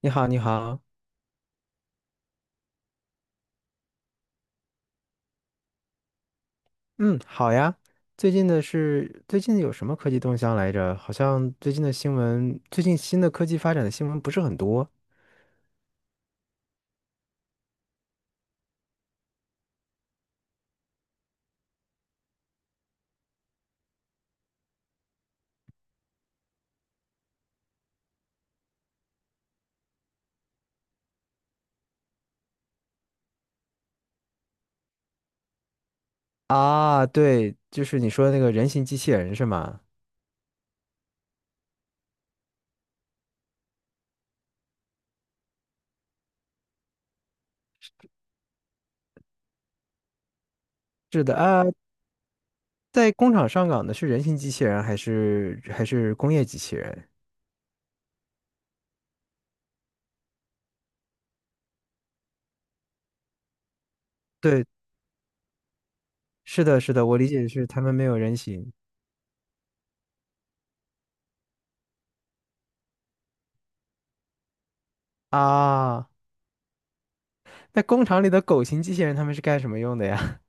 你好，你好。嗯，好呀。最近有什么科技动向来着？好像最近的新闻，最近新的科技发展的新闻不是很多啊。对，就是你说的那个人形机器人是吗？是的啊，在工厂上岗的是人形机器人还是工业机器人？对，是的，是的，我理解是他们没有人形啊。那工厂里的狗型机器人他们是干什么用的呀？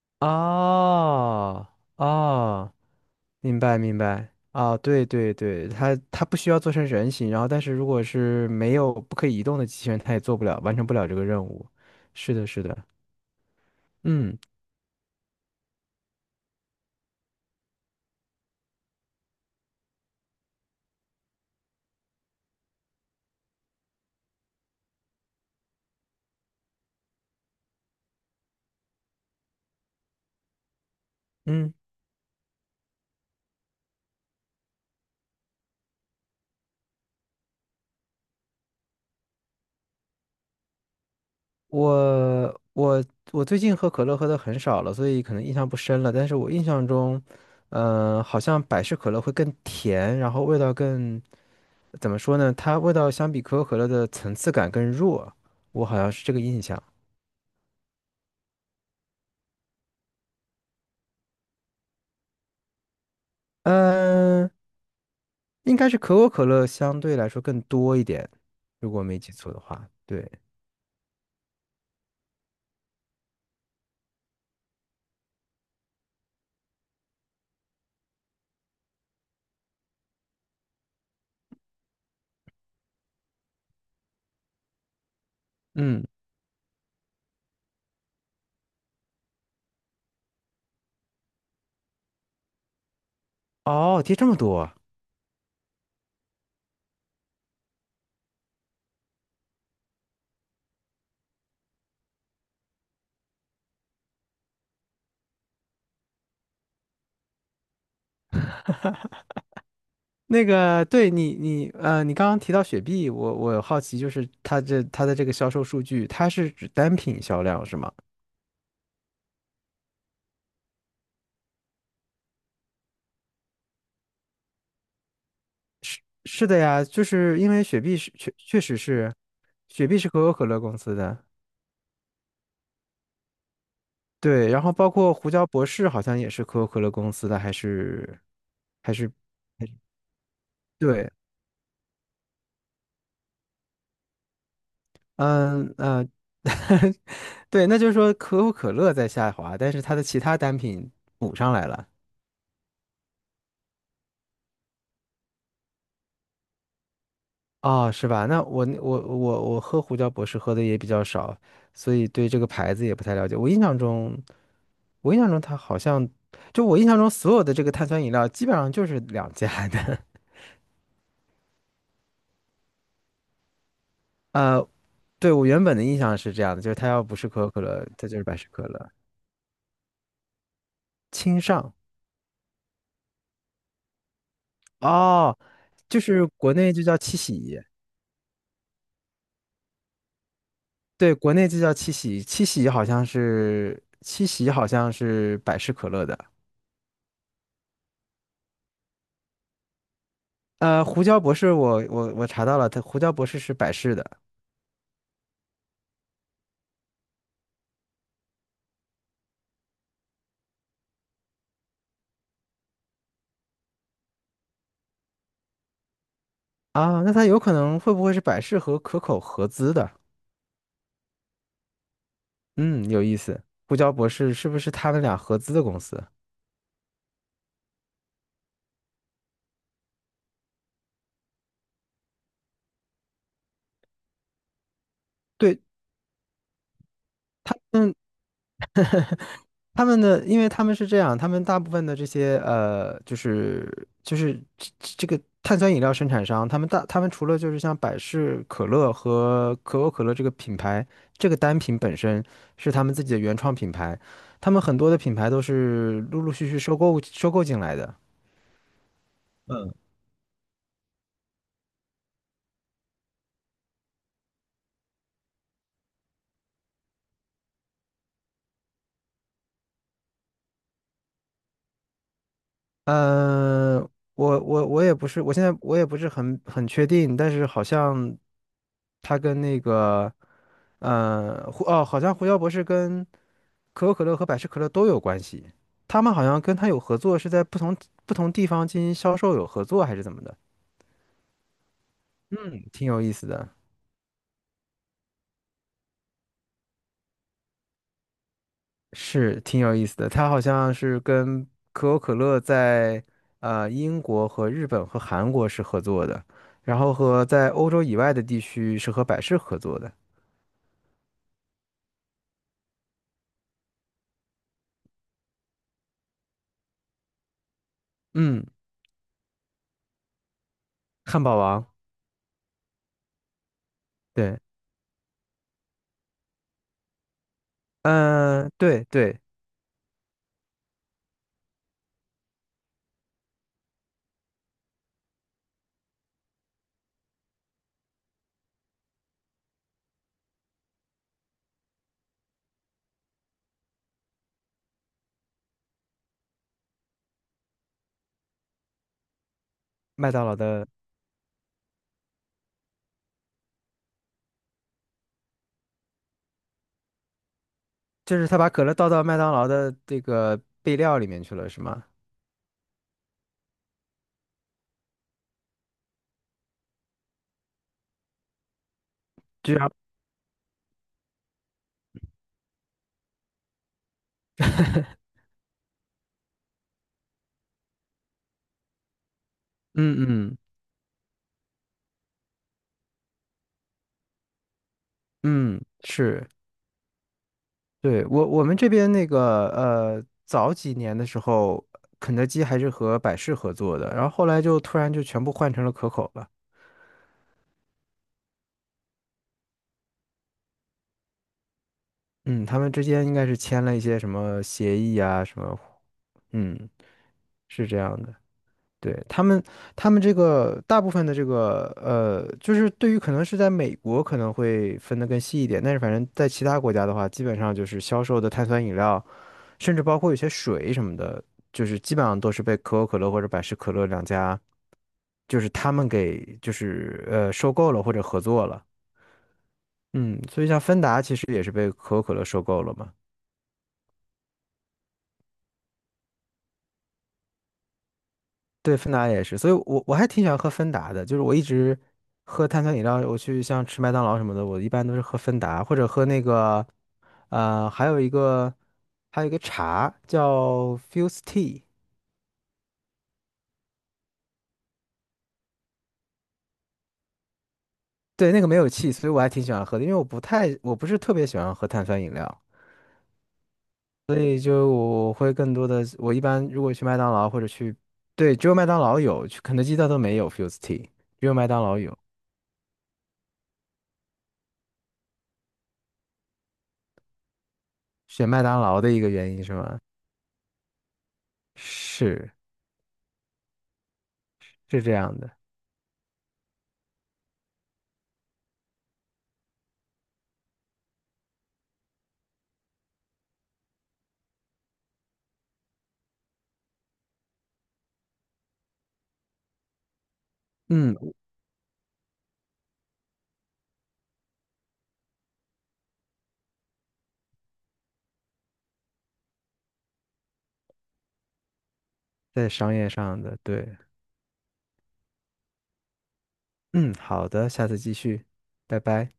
哦哦。明白明白啊，对对对，它不需要做成人形，然后但是如果是没有不可以移动的机器人，它也做不了，完成不了这个任务。是的，是的，嗯嗯，我我我最近喝可乐喝的很少了，所以可能印象不深了。但是我印象中，好像百事可乐会更甜，然后味道更，怎么说呢？它味道相比可口可乐的层次感更弱，我好像是这个印象。嗯、应该是可口可乐相对来说更多一点，如果没记错的话。对，嗯，哦，跌这么多啊。那个，对你，你刚刚提到雪碧，我好奇，就是它的这个销售数据，它是指单品销量是吗？是的呀，就是因为雪碧是确实是，雪碧是可口可乐公司的，对，然后包括胡椒博士好像也是可口可乐公司的，还是还是还是对。嗯呃，对，那就是说可口可乐在下滑，但是它的其他单品补上来了。哦，是吧？那我喝胡椒博士喝的也比较少，所以对这个牌子也不太了解。我印象中，我印象中它好像，就我印象中所有的这个碳酸饮料基本上就是两家的。呃，对，我原本的印象是这样的，就是它要不是可口可乐，它就是百事可乐。清上，哦，就是国内就叫七喜。对，国内这叫七喜，七喜好像是百事可乐的。呃，胡椒博士我，我查到了，它胡椒博士是百事的啊，那它有可能会不会是百事和可口合资的？嗯，有意思，胡椒博士是不是他们俩合资的公司？对，他们他们的，因为他们是这样，他们大部分的这些就是这这个碳酸饮料生产商，他们除了就是像百事可乐和可口可乐这个品牌，这个单品本身是他们自己的原创品牌，他们很多的品牌都是陆陆续续收购进来的。嗯、我也不是，我现在我也不是很确定，但是好像他跟那个呃胡哦，好像胡椒博士跟可口可乐和百事可乐都有关系。他们好像跟他有合作，是在不同地方进行销售有合作，还是怎么的？嗯，挺有意思的，是挺有意思的。他好像是跟可口可乐在英国和日本和韩国是合作的，然后和在欧洲以外的地区是和百事合作的。嗯，汉堡王，对，嗯、对对，麦当劳的，就是他把可乐倒到麦当劳的这个备料里面去了，是吗？居然，嗯嗯。嗯，是，对，我我们这边那个早几年的时候，肯德基还是和百事合作的，然后后来就突然就全部换成了可口了。嗯，他们之间应该是签了一些什么协议啊，什么，嗯，是这样的。对，他们，他们这个大部分的这个就是对于可能是在美国可能会分得更细一点，但是反正在其他国家的话，基本上就是销售的碳酸饮料，甚至包括有些水什么的，就是基本上都是被可口可乐或者百事可乐两家，就是他们给收购了或者合作了。嗯，所以像芬达其实也是被可口可乐收购了嘛。对，芬达也是，所以我还挺喜欢喝芬达的，就是我一直喝碳酸饮料，我去像吃麦当劳什么的，我一般都是喝芬达或者喝那个，呃，还有一个茶叫 Fuse Tea，对，那个没有气，所以我还挺喜欢喝的，因为我不是特别喜欢喝碳酸饮料，所以就我会更多的我一般如果去麦当劳或者去，对，只有麦当劳有，去肯德基它都没有 Fuse Tea，只有麦当劳有，选麦当劳的一个原因是吗？是是这样的。嗯，在商业上的，对，嗯，好的，下次继续，拜拜。